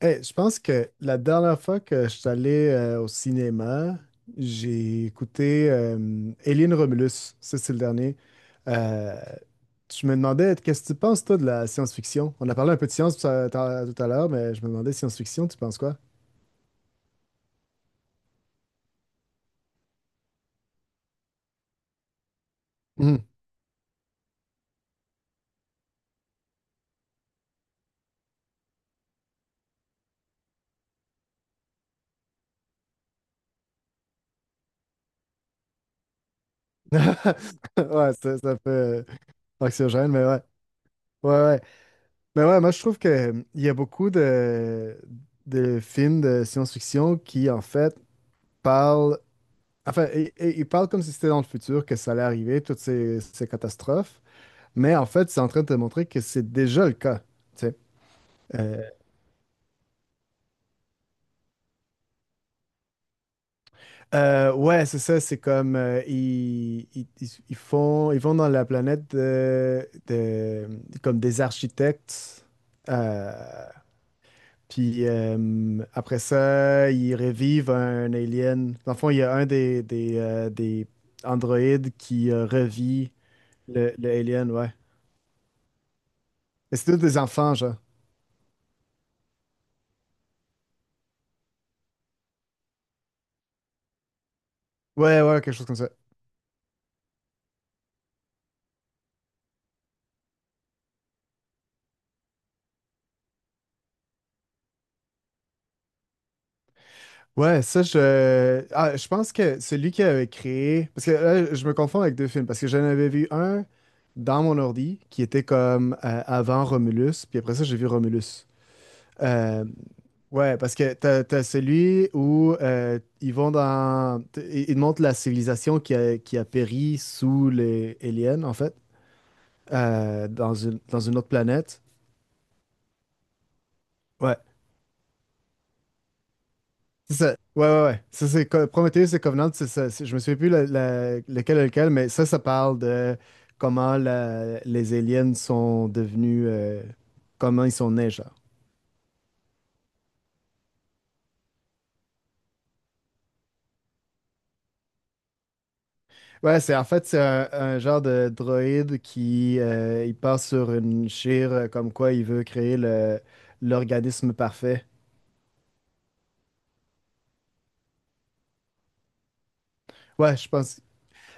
Hey, je pense que la dernière fois que je suis allé au cinéma, j'ai écouté Alien Romulus. Ça, c'est le dernier. Euh, je me demandais, qu'est-ce que tu penses, toi, de la science-fiction? On a parlé un peu de science tout à l'heure, mais je me demandais, science-fiction, tu penses quoi? Mhm. Ouais, c'est un peu anxiogène, mais ouais. Ouais, ouais. Mais ouais, moi, je trouve que, il y a beaucoup de films de science-fiction qui, en fait, parlent. Enfin, et il parle comme si c'était dans le futur, que ça allait arriver, toutes ces, ces catastrophes, mais en fait, c'est en train de te montrer que c'est déjà le cas. Tu sais. Euh, ouais, c'est ça, c'est comme ils, ils font, ils vont dans la planète de, comme des architectes, euh, puis après ça, ils revivent un alien. Dans le fond, il y a un des androïdes qui revit le alien, ouais. Et c'est tous des enfants, genre. Ouais, ouais, quelque chose comme ça. Ouais, ça, je. Ah, je pense que c'est lui qui avait créé. Parce que là, je me confonds avec deux films. Parce que j'en avais vu un dans mon ordi qui était comme avant Romulus. Puis après ça, j'ai vu Romulus. Euh, Ouais, parce que t'as, t'as celui où ils vont dans. Ils montrent la civilisation qui a péri sous les aliens, en fait, dans une autre planète. Ouais. C'est ça. Ouais, ouais, ouais. Ça, c'est Prometheus et Covenant, c'est ça. C'est- Je me souviens plus lequel est lequel, mais ça parle de comment les aliens sont devenus, comment ils sont nés, genre. Ouais, c'est en fait, c'est un genre de droïde qui il part sur une chire comme quoi il veut créer l'organisme parfait. Ouais, je pense.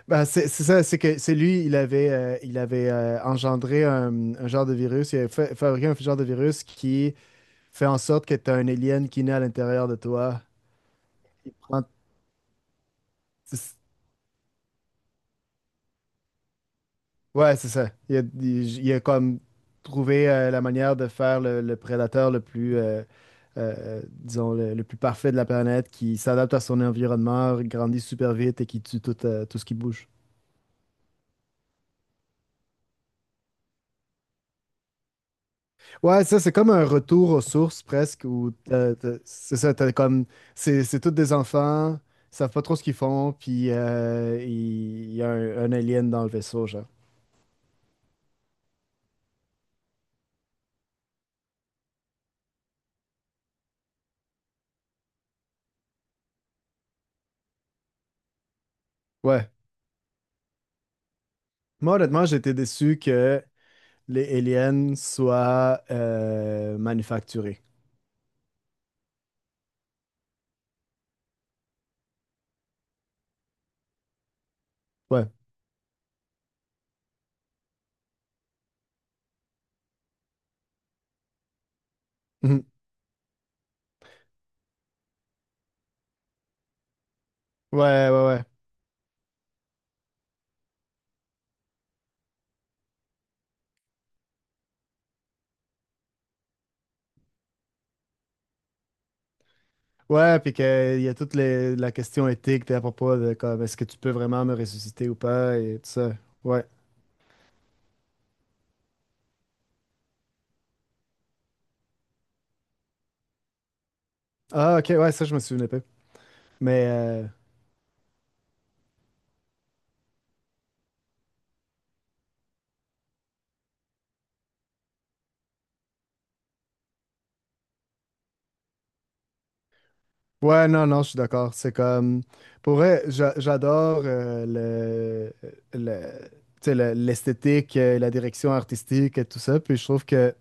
Ben, c'est ça, c'est que c'est lui, il avait engendré un genre de virus, il avait fabriqué un genre de virus qui fait en sorte que tu as un alien qui naît à l'intérieur de toi. Il prend- Ouais, c'est ça. Il a, il a comme trouvé la manière de faire le prédateur le plus, disons, le plus parfait de la planète, qui s'adapte à son environnement, grandit super vite et qui tue tout, tout ce qui bouge. Ouais, ça, c'est comme un retour aux sources presque, où c'est ça, t'as comme, c'est tous des enfants, ils savent pas trop ce qu'ils font, puis il y a un alien dans le vaisseau, genre. Ouais. Moi, honnêtement, j'ai été déçu que les aliens soient manufacturés. Ouais. Mhm. Ouais, ouais, ouais. Ouais, puis qu'il y a toute la question éthique puis à propos de comme est-ce que tu peux vraiment me ressusciter ou pas et tout ça. Ouais. Ah, ok, ouais, ça, je me souvenais pas. Mais euh, ouais, non, non, je suis d'accord. C'est comme. Pour vrai, j'adore le, tu sais, l'esthétique, la direction artistique et tout ça. Puis je trouve que.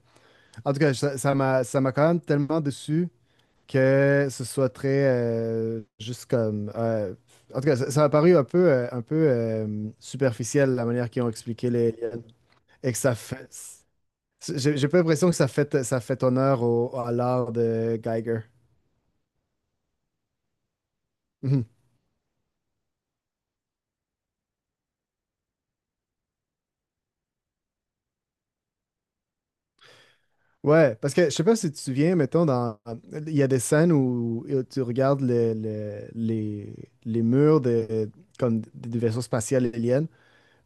En tout cas, ça m'a quand même tellement déçu que ce soit très juste comme en tout cas ça, ça a paru un peu superficiel la manière qu'ils ont expliqué les aliens et que ça fait j'ai pas l'impression que ça fait honneur au, à l'art de Geiger. Mhm. Ouais parce que je sais pas si tu te souviens mettons dans il y a des scènes où, où tu regardes les murs de comme des vaisseaux spatiaux aliens.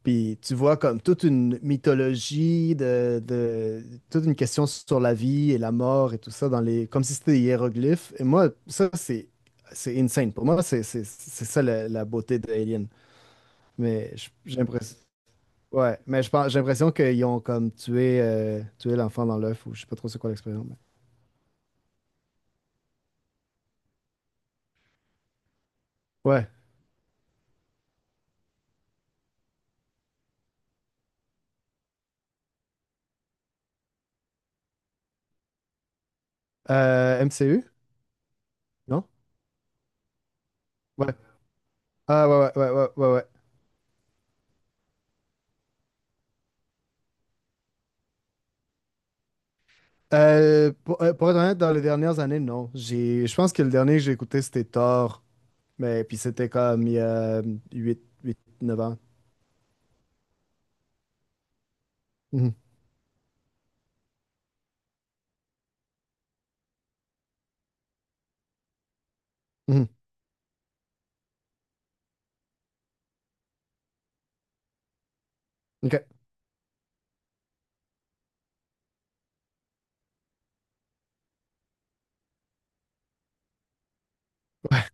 Puis tu vois comme toute une mythologie de, toute une question sur la vie et la mort et tout ça dans les comme si c'était des hiéroglyphes. Et moi, ça c'est insane. Pour moi, c'est ça la, la beauté de Alien. Mais j'ai l'impression ouais, mais je pense j'ai l'impression qu'ils ont comme tué l'enfant dans l'œuf ou je sais pas trop c'est quoi l'expérience. Mais- Ouais. MCU? Non? Ouais. Ah ouais ouais ouais ouais ouais. Ouais. Pour être honnête, dans les dernières années, non. J'ai, je pense que le dernier que j'ai écouté, c'était Thor. Mais puis c'était comme il y a 8, 8 9 ans. Mhm. Mhm. OK. Ouais,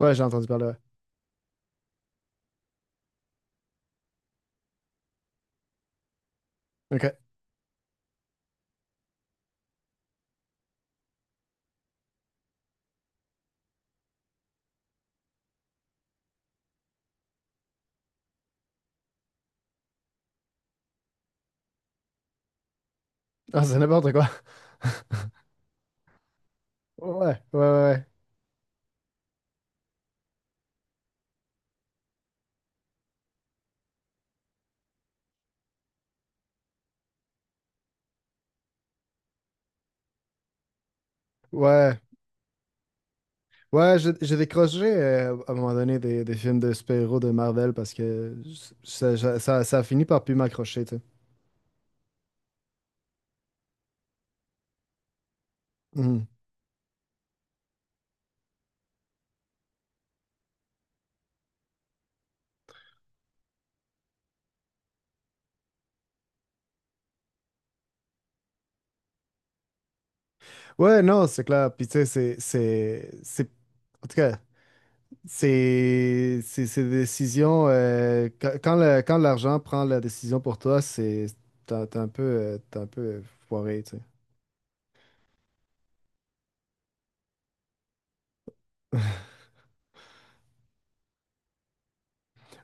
ouais, j'ai entendu parler. Ouais. OK. Ah, c'est n'importe quoi. Ouais, ouais, ouais. Ouais, ouais, j'ai décroché à un moment donné des films de super-héros de Marvel parce que ça a fini par plus m'accrocher, tu sais. Mhm. Ouais, non, c'est clair. Puis tu sais, c'est... En tout cas, c'est c'est des décisions. Quand quand l'argent prend la décision pour toi, c'est t'es un peu foiré, tu sais.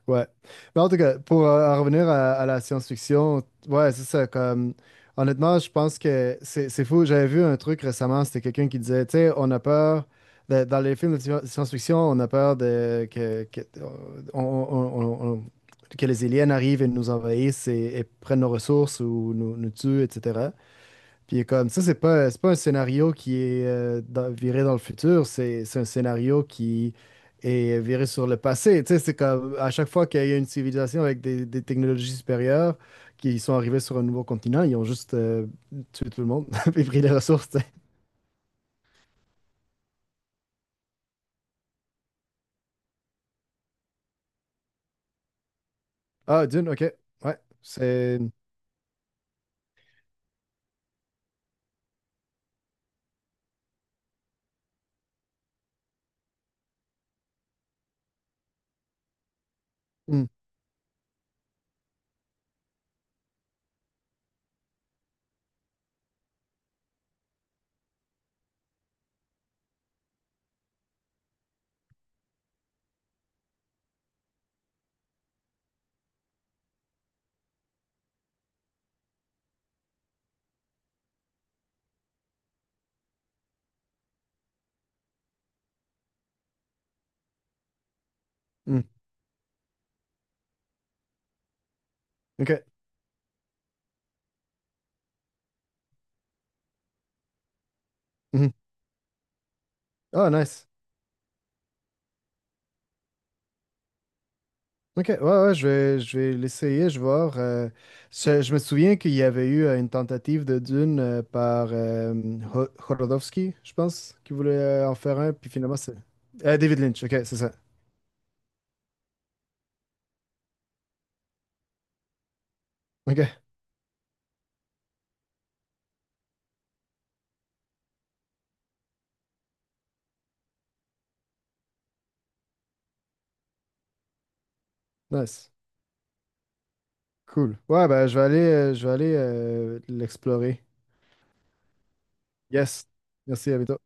Ouais. Mais en tout cas, pour en revenir à la science-fiction, ouais, c'est ça. Comme, honnêtement, je pense que c'est fou. J'avais vu un truc récemment, c'était quelqu'un qui disait, tu sais, on a peur. Dans les films de science-fiction, on a peur de, que, on- on- on- on- que les aliens arrivent et nous envahissent et prennent nos ressources ou nous, nous tuent, etc. Puis il est comme ça, c'est pas un scénario qui est viré dans le futur, c'est un scénario qui est viré sur le passé. Tu sais, c'est comme à chaque fois qu'il y a une civilisation avec des technologies supérieures qui sont arrivées sur un nouveau continent, ils ont juste tué tout le monde et pris les ressources. Tu sais. Ah, Dune, ok. Ouais, c'est. Hmm, hmm, ok. Mhm. Ah, nice. Ok, ouais, ouais, je vais l'essayer, je vais voir. Je me souviens qu'il y avait eu une tentative de Dune par Hodorowski, je pense, qui voulait en faire un, puis finalement c'est... David Lynch, ok, c'est ça. Ok, nice, cool. Ouais, ben je vais aller l'explorer. Yes, merci, à bientôt.